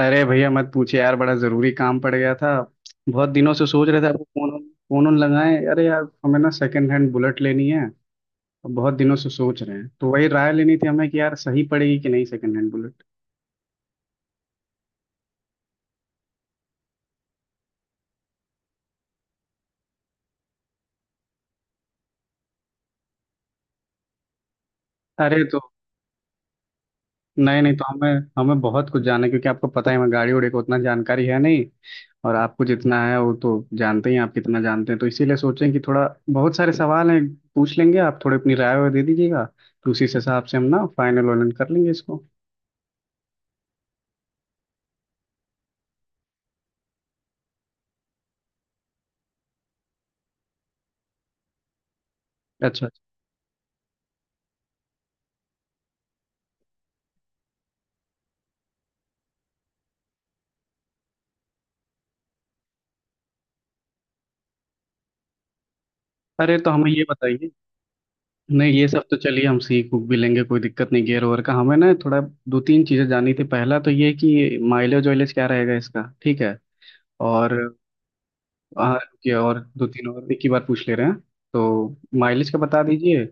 अरे भैया मत पूछे यार, बड़ा जरूरी काम पड़ गया था। बहुत दिनों से सोच रहे थे आपको फोन फोन उन लगाएं। अरे यार, हमें ना सेकंड हैंड बुलेट लेनी है। और बहुत दिनों से सोच रहे हैं, तो वही राय लेनी थी हमें कि यार सही पड़ेगी कि नहीं सेकंड हैंड बुलेट। अरे तो नहीं नहीं, तो हमें हमें बहुत कुछ जानना है, क्योंकि आपको पता है हमें गाड़ी उड़ी को उतना जानकारी है नहीं। और आपको जितना है वो तो जानते ही हैं, आप कितना जानते हैं, तो इसीलिए सोचें कि थोड़ा बहुत सारे सवाल हैं पूछ लेंगे, आप थोड़ी अपनी राय वाय दे दीजिएगा। तो उसी से हिसाब से हम ना फाइनल वाइनल कर लेंगे इसको। अच्छा, अरे तो हमें ये बताइए। नहीं, ये सब तो चलिए हम सीख भी लेंगे, कोई दिक्कत नहीं। गियर ओवर का हमें ना थोड़ा दो तीन चीज़ें जाननी थी। पहला तो ये कि माइलेज वाइलेज क्या रहेगा इसका, ठीक है। और हाँ, रुकिए, और दो तीन और एक ही बार पूछ ले रहे हैं। तो माइलेज का बता दीजिए।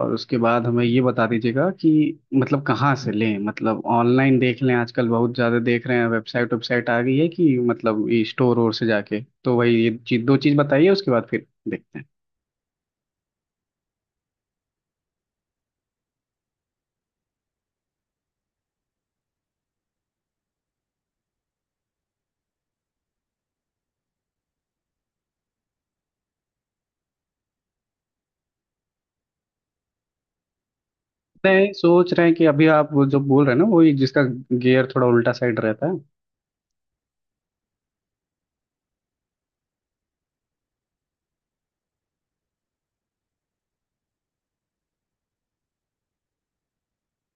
और उसके बाद हमें ये बता दीजिएगा कि मतलब कहाँ से लें, मतलब ऑनलाइन देख लें, आजकल बहुत ज़्यादा देख रहे हैं, वेबसाइट वेबसाइट आ गई है, कि मतलब स्टोर और से जाके, तो वही ये चीज दो चीज़ बताइए, उसके बाद फिर देखते हैं। नहीं, सोच रहे हैं कि अभी आप वो जो बोल रहे हैं ना, वही जिसका गियर थोड़ा उल्टा साइड रहता है।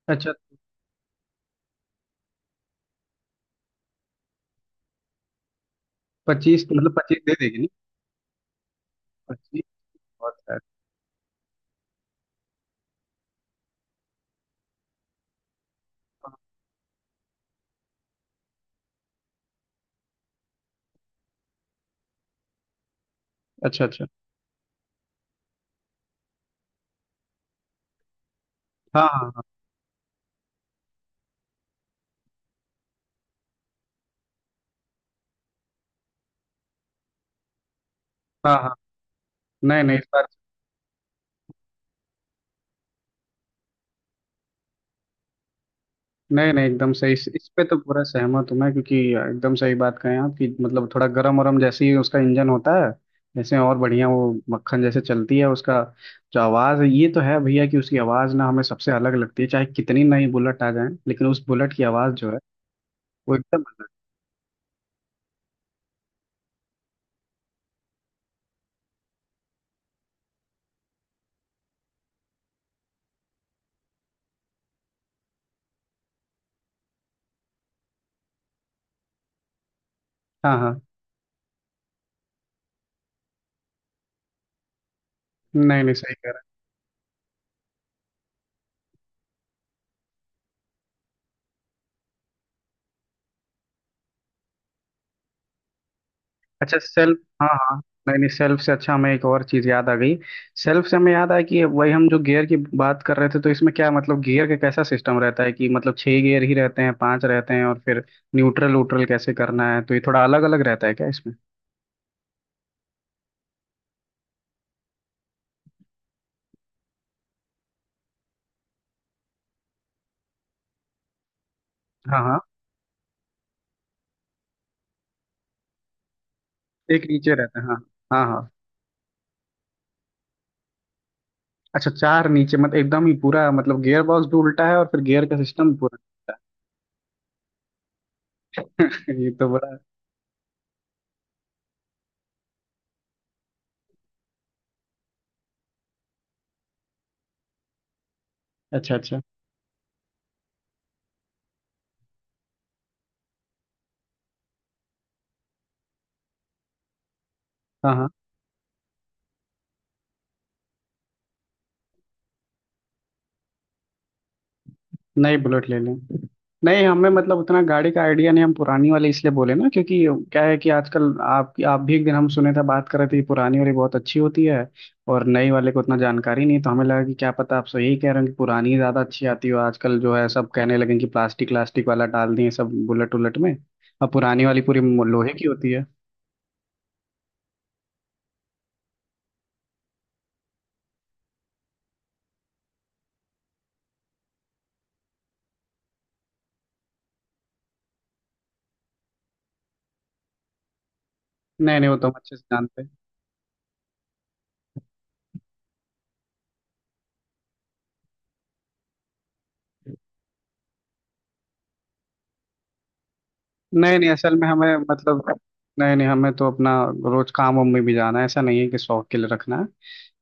अच्छा, पच्चीस तो मतलब पच्चीस दे देगी ना। पच्चीस बहुत है। अच्छा अच्छा। हाँ हाँ हाँ हाँ हाँ। नहीं नहीं इस बार, नहीं नहीं एकदम सही। इस पे तो पूरा सहमत हूँ मैं, क्योंकि एकदम सही बात कहें आप, कि मतलब थोड़ा गरम वरम जैसे ही उसका इंजन होता है, जैसे और बढ़िया वो मक्खन जैसे चलती है। उसका जो आवाज़ है, ये तो है भैया, कि उसकी आवाज़ ना हमें सबसे अलग लगती है, चाहे कितनी नई बुलेट आ जाए, लेकिन उस बुलेट की आवाज़ जो है वो एकदम। हाँ हाँ। नहीं नहीं, सही कह रहे हैं। अच्छा सेल्फ, हाँ हाँ। नहीं नहीं, सेल्फ से अच्छा हमें एक और चीज़ याद आ गई। सेल्फ से हमें याद आया कि वही हम जो गियर की बात कर रहे थे, तो इसमें क्या मतलब गियर का कैसा सिस्टम रहता है, कि मतलब 6 गियर ही रहते हैं, 5 रहते हैं, और फिर न्यूट्रल व्यूट्रल कैसे करना है, तो ये थोड़ा अलग अलग रहता है क्या इसमें? हाँ हाँ, एक नीचे रहता है, हाँ हाँ हाँ। अच्छा, चार नीचे, मतलब एकदम ही पूरा मतलब गियर बॉक्स भी उल्टा है, और फिर गियर का सिस्टम पूरा। ये तो बड़ा, अच्छा अच्छा। हाँ हाँ, नई बुलेट ले लें। नहीं, हमें मतलब उतना गाड़ी का आइडिया नहीं, हम पुरानी वाले इसलिए बोले ना, क्योंकि क्या है कि आजकल आप भी एक दिन हम सुने थे बात कर रहे थे कि पुरानी वाली बहुत अच्छी होती है, और नई वाले को उतना जानकारी नहीं, तो हमें लगा कि क्या पता आप सो यही कह रहे हो कि पुरानी ज़्यादा अच्छी आती हो। आजकल जो है सब कहने लगे कि प्लास्टिक व्लास्टिक वाला डाल दिए सब बुलेट उलट में, और पुरानी वाली पूरी लोहे की होती है। नहीं नहीं, वो तो हम अच्छे से जानते हैं। नहीं नहीं असल में हमें मतलब, नहीं नहीं हमें तो अपना रोज काम वाम में भी जाना है, ऐसा नहीं है कि शौक के लिए रखना है।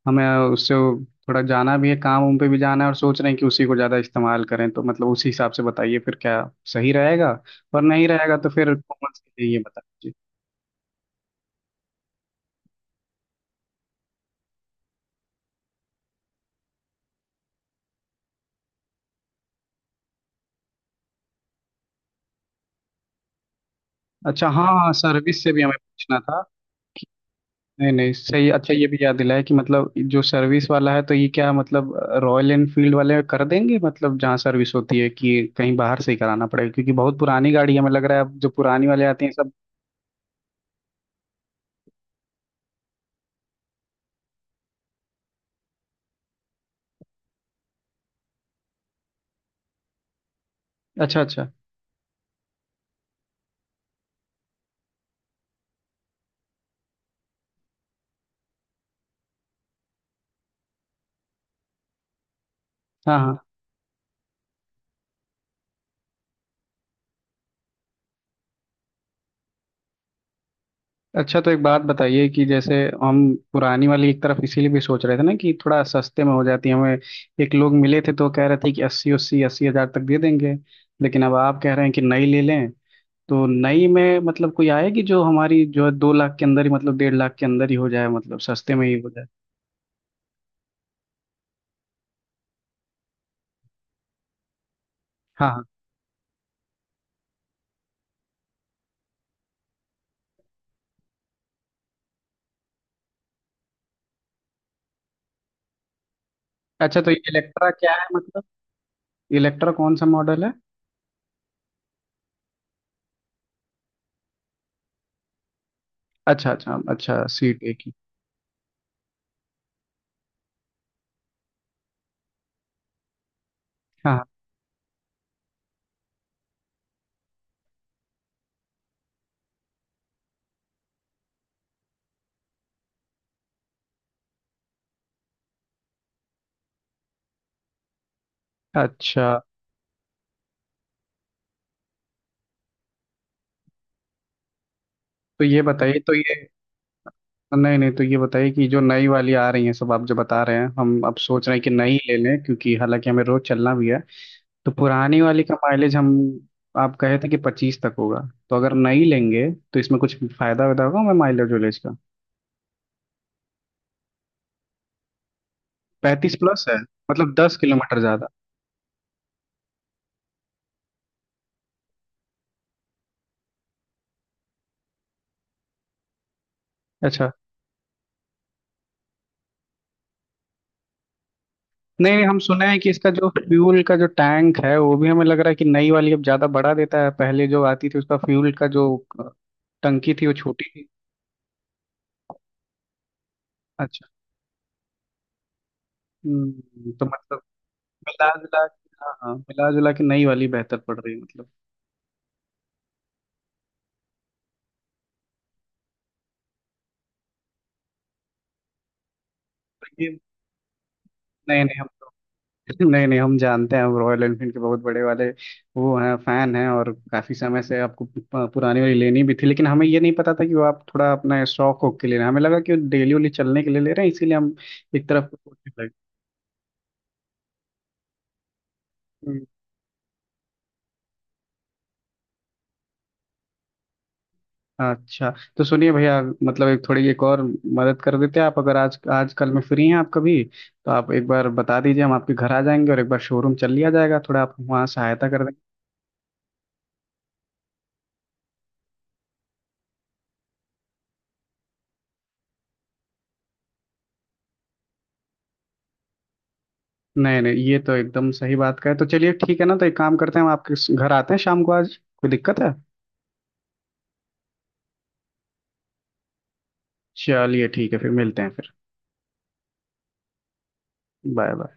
हमें उससे थोड़ा जाना भी है, काम उम पे भी जाना है, और सोच रहे हैं कि उसी को ज़्यादा इस्तेमाल करें, तो मतलब उसी हिसाब से बताइए फिर क्या सही रहेगा, और नहीं रहेगा तो फिर कौन सी चाहिए बता दीजिए। अच्छा हाँ हाँ, सर्विस से भी हमें पूछना था। नहीं नहीं सही, अच्छा ये भी याद दिलाया, कि मतलब जो सर्विस वाला है, तो ये क्या मतलब रॉयल एनफील्ड वाले कर देंगे, मतलब जहाँ सर्विस होती है, कि कहीं बाहर से ही कराना पड़ेगा, क्योंकि बहुत पुरानी गाड़ी है, हमें लग रहा है अब जो पुरानी वाले आती हैं सब। अच्छा अच्छा। हाँ हाँ। अच्छा, तो एक बात बताइए, कि जैसे हम पुरानी वाली एक तरफ इसीलिए भी सोच रहे थे ना, कि थोड़ा सस्ते में हो जाती है हमें। एक लोग मिले थे तो कह रहे थे कि अस्सी अस्सी 80,000 तक दे देंगे, लेकिन अब आप कह रहे हैं कि नई ले लें। तो नई में मतलब कोई आएगी जो हमारी, जो है 2 लाख के अंदर ही, मतलब 1.5 लाख के अंदर ही हो जाए, मतलब सस्ते में ही हो जाए। हाँ हाँ। अच्छा, तो इलेक्ट्रा क्या है मतलब, इलेक्ट्रा कौन सा मॉडल है? अच्छा अच्छा अच्छा, सी की हाँ हाँ। अच्छा, तो ये बताइए तो ये, नहीं नहीं तो ये बताइए, कि जो नई वाली आ रही है सब आप जो बता रहे हैं, हम अब सोच रहे हैं कि नई ले लें, क्योंकि हालांकि हमें रोज चलना भी है। तो पुरानी वाली का माइलेज हम, आप कहे थे कि 25 तक होगा, तो अगर नई लेंगे तो इसमें कुछ फायदा वायदा होगा हमें माइलेज वाइलेज का? 35 प्लस है, मतलब 10 किलोमीटर ज्यादा। अच्छा, नहीं नहीं हम सुने हैं कि इसका जो फ्यूल का जो टैंक है, वो भी हमें लग रहा है कि नई वाली अब ज्यादा बड़ा देता है, पहले जो आती थी उसका फ्यूल का जो टंकी थी वो छोटी थी। अच्छा, तो मतलब मिला जुला के, हाँ हाँ, मिला जुला के नई वाली बेहतर पड़ रही है मतलब। ये नए नए हम लोग, नए नए हम जानते हैं, हम रॉयल एनफील्ड के बहुत बड़े वाले वो हैं, फैन हैं, और काफी समय से आपको पुरानी वाली लेनी भी थी, लेकिन हमें ये नहीं पता था कि वो आप थोड़ा अपना शौक हो के ले रहे हैं, हमें लगा कि वो डेली वाली चलने के लिए ले रहे हैं, इसीलिए हम एक तरफ सोचने लगे। हम्म। अच्छा, तो सुनिए भैया, मतलब एक थोड़ी एक और मदद कर देते हैं आप, अगर आज आजकल में फ्री हैं आप कभी, तो आप एक बार बता दीजिए, हम आपके घर आ जाएंगे, और एक बार शोरूम चल लिया जाएगा, थोड़ा आप वहाँ सहायता कर। नहीं नहीं, ये तो एकदम सही बात का है, तो चलिए ठीक है ना, तो एक काम करते हैं हम आपके घर आते हैं शाम को आज, कोई दिक्कत है? चलिए ठीक है, फिर मिलते हैं फिर। Bye bye.